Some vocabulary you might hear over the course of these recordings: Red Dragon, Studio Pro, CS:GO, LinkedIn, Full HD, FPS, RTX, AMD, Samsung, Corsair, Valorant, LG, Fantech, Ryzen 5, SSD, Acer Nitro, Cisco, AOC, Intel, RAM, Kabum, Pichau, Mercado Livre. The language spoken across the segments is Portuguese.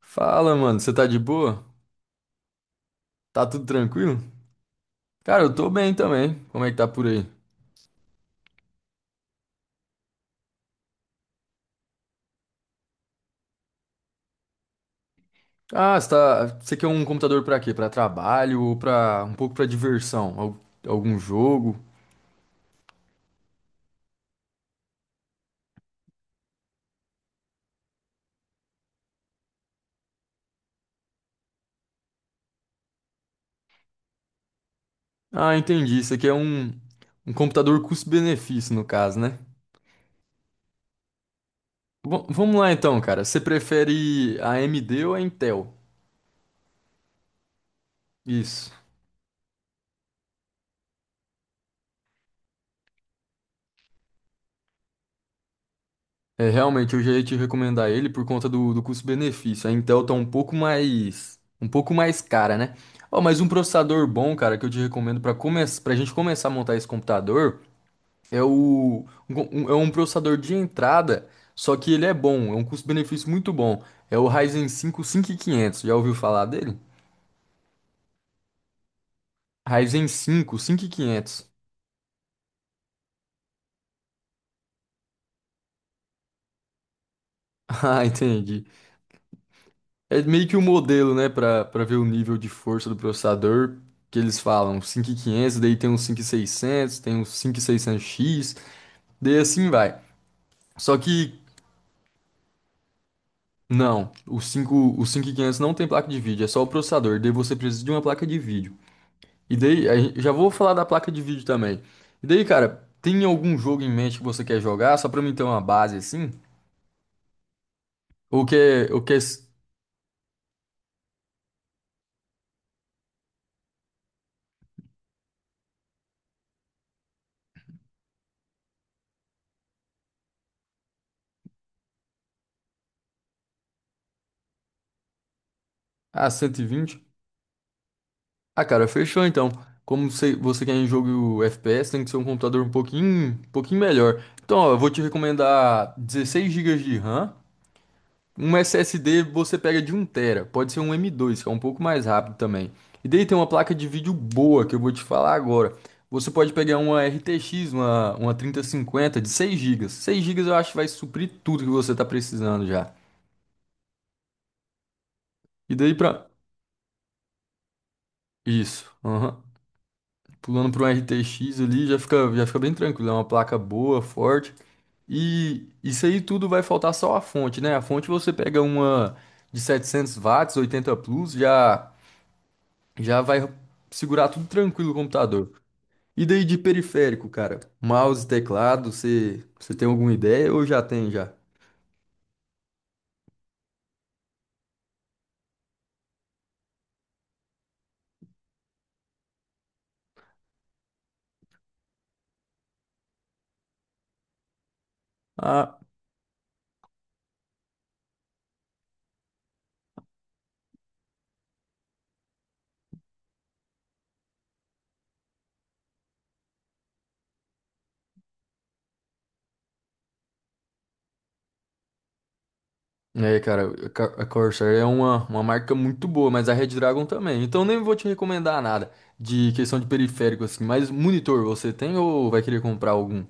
Fala, mano, você tá de boa? Tá tudo tranquilo? Cara, eu tô bem também. Como é que tá por aí? Ah, você quer um computador pra quê? Pra trabalho ou pra um pouco pra diversão? Algum jogo? Ah, entendi. Isso aqui é um computador custo-benefício, no caso, né? Bom, vamos lá então, cara. Você prefere a AMD ou a Intel? Isso. É, realmente, eu já ia te recomendar ele por conta do custo-benefício. A Intel tá um pouco mais cara, né? Ó, mas um processador bom, cara, que eu te recomendo para começar, para gente começar a montar esse computador é um processador de entrada, só que ele é bom, é um custo-benefício muito bom. É o Ryzen 5 quinhentos. Já ouviu falar dele? Ryzen 5 quinhentos. Ah, entendi. É meio que o modelo, né, Pra para ver o nível de força do processador que eles falam, um 5500, daí tem um 5600, tem um cinco mil e seiscentos x, daí assim vai. Só que não, o 5, o 5500 não tem placa de vídeo, é só o processador, daí você precisa de uma placa de vídeo. E daí, já vou falar da placa de vídeo também. E daí, cara, tem algum jogo em mente que você quer jogar, só pra mim ter uma base assim? Ou quer, ou quer, ah, 120? Ah, cara, fechou então. Como você quer um jogo FPS, tem que ser um computador um pouquinho melhor. Então, ó, eu vou te recomendar 16 gigas de RAM. Um SSD você pega de um tera. Pode ser um M.2, que é um pouco mais rápido também. E daí tem uma placa de vídeo boa que eu vou te falar agora. Você pode pegar uma RTX, uma 3050 de 6 gigas. 6 gigas eu acho que vai suprir tudo que você está precisando já. E daí pra. Isso. Aham. Pulando para um RTX ali, já fica bem tranquilo. É uma placa boa, forte. E isso aí tudo vai faltar só a fonte, né? A fonte você pega uma de 700 watts, 80 plus, já vai segurar tudo tranquilo o computador. E daí de periférico, cara? Mouse, teclado, você tem alguma ideia ou já tem já? Ah, é, cara, a Corsair é uma marca muito boa, mas a Red Dragon também. Então nem vou te recomendar nada de questão de periférico assim, mas monitor você tem ou vai querer comprar algum?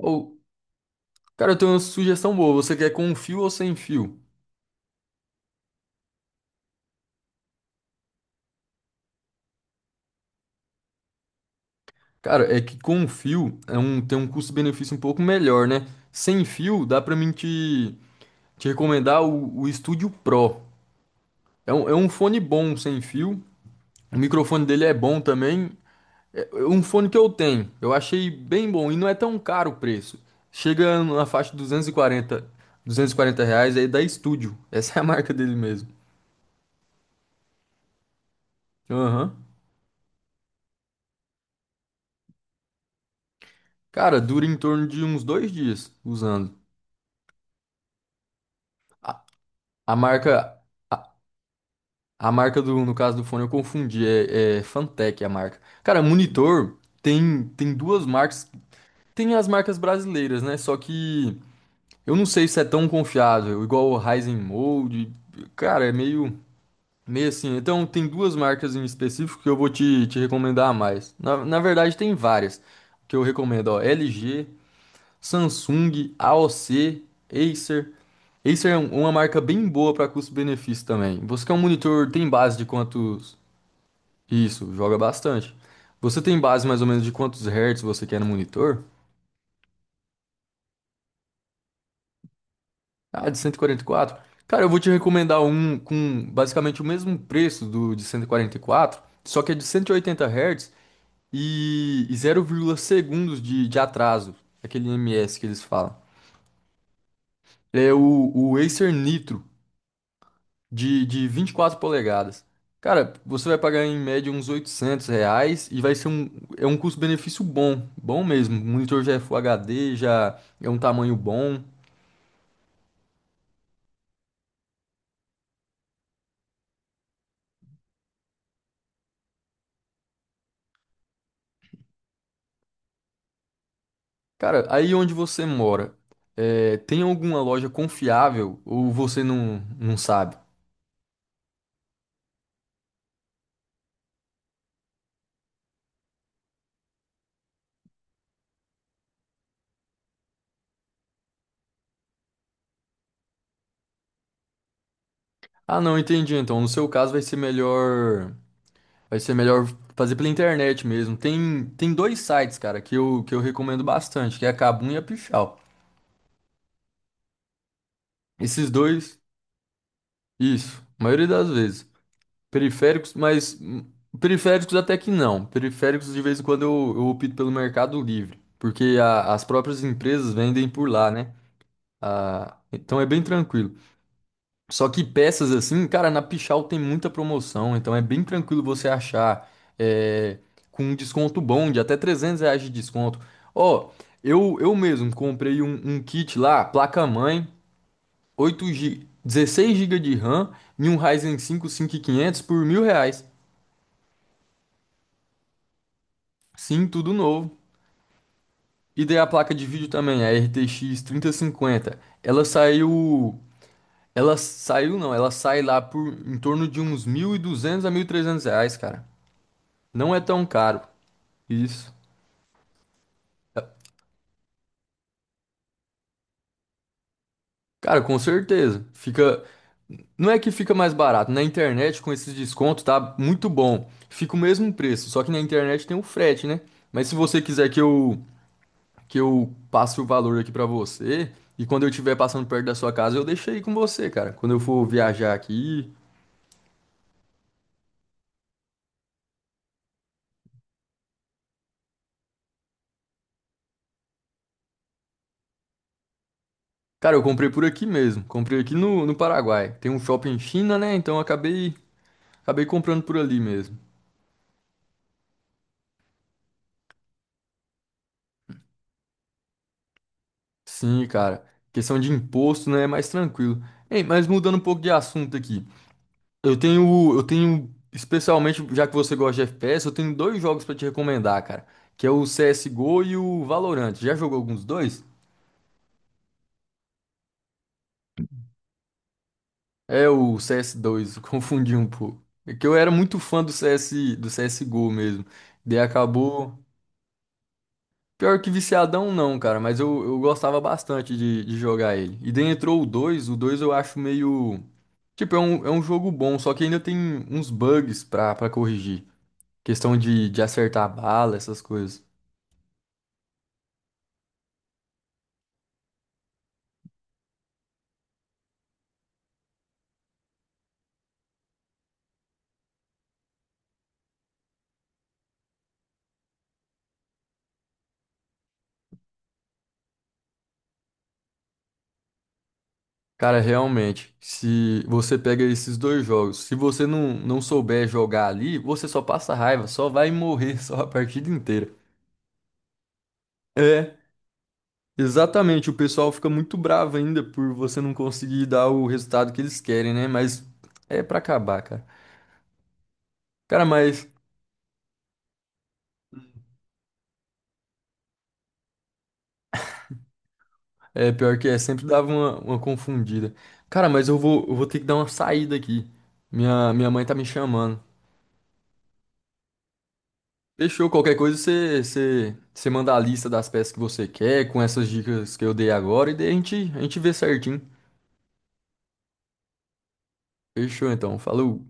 Ou, cara, eu tenho uma sugestão boa, você quer com fio ou sem fio? Cara, é que com fio é um, tem um custo-benefício um pouco melhor, né? Sem fio dá pra mim te recomendar o Studio Pro. É um fone bom sem fio, o microfone dele é bom também. É, um fone que eu tenho, eu achei bem bom e não é tão caro o preço. Chega na faixa de duzentos e quarenta reais aí da Estúdio. Essa é a marca dele mesmo. Aham. Cara, dura em torno de uns 2 dias usando. A, a marca, a, a marca do, no caso do fone eu confundi, é Fantech a marca. Cara, monitor tem duas marcas, tem as marcas brasileiras, né? Só que eu não sei se é tão confiável, igual o Ryzen Mode. Cara, é meio. Meio assim, então tem duas marcas em específico que eu vou te recomendar a mais. Na verdade, tem várias que eu recomendo, ó, LG, Samsung, AOC, Acer. Acer é uma marca bem boa para custo-benefício também. Você quer um monitor, tem base de quantos? Isso, joga bastante. Você tem base mais ou menos de quantos hertz você quer no monitor? Ah, de 144. Cara, eu vou te recomendar um com basicamente o mesmo preço do de 144, só que é de 180 Hz e zero vírgula segundos de atraso, aquele ms que eles falam. É o Acer Nitro de 24 polegadas. Cara, você vai pagar em média uns R$ 800 e vai ser é um custo-benefício bom, bom mesmo. O monitor já é Full HD, já é um tamanho bom. Cara, aí onde você mora, tem alguma loja confiável ou você não sabe? Ah, não, entendi. Então, no seu caso vai ser melhor fazer pela internet mesmo. Tem dois sites, cara, que eu recomendo bastante, que é a Kabum e a Pichau. Esses dois, isso, a maioria das vezes. Periféricos, mas periféricos até que não. Periféricos de vez em quando eu opto pelo Mercado Livre, porque as próprias empresas vendem por lá, né? Ah, então é bem tranquilo. Só que peças assim, cara, na Pichau tem muita promoção, então é bem tranquilo você achar é, com um desconto bom de até R$ 300 de desconto. Ó, eu mesmo comprei um kit lá, placa-mãe, 8 GB, 16 gigas de RAM e um Ryzen 5 quinhentos por R$ 1.000. Sim, tudo novo. E daí a placa de vídeo também, a RTX cinquenta. Ela saiu. Ela saiu, não, ela sai lá por em torno de uns 1.200 a R$ 1.300, cara. Não é tão caro. Isso. Cara, com certeza. Fica. Não é que fica mais barato. Na internet, com esses descontos, tá muito bom. Fica o mesmo preço. Só que na internet tem o frete, né? Mas se você quiser que eu passe o valor aqui pra você, e quando eu estiver passando perto da sua casa, eu deixo aí com você, cara. Quando eu for viajar aqui. Cara, eu comprei por aqui mesmo. Comprei aqui no Paraguai. Tem um shopping em China, né? Então eu acabei comprando por ali mesmo. Sim, cara. Questão de imposto, né, é mais tranquilo. Ei, mas mudando um pouco de assunto aqui. Eu tenho, especialmente já que você gosta de FPS, eu tenho dois jogos pra te recomendar, cara, que é o CS:GO e o Valorant. Já jogou alguns dois? É o CS 2 eu confundi um pouco. É que eu era muito fã do CS, do CS:GO mesmo. Daí acabou. Pior que viciadão não, cara, mas eu gostava bastante de jogar ele. E daí entrou o 2 eu acho meio. Tipo, é um jogo bom, só que ainda tem uns bugs pra corrigir. Questão de acertar a bala, essas coisas. Cara, realmente, se você pega esses dois jogos, se você não souber jogar ali, você só passa raiva, só vai morrer só a partida inteira. É. Exatamente, o pessoal fica muito bravo ainda por você não conseguir dar o resultado que eles querem, né? Mas é pra acabar, cara. Cara, mas é pior que é, sempre dava uma confundida. Cara, mas eu vou ter que dar uma saída aqui. Minha mãe tá me chamando. Fechou, qualquer coisa você manda a lista das peças que você quer, com essas dicas que eu dei agora, e daí a gente vê certinho. Fechou então, falou.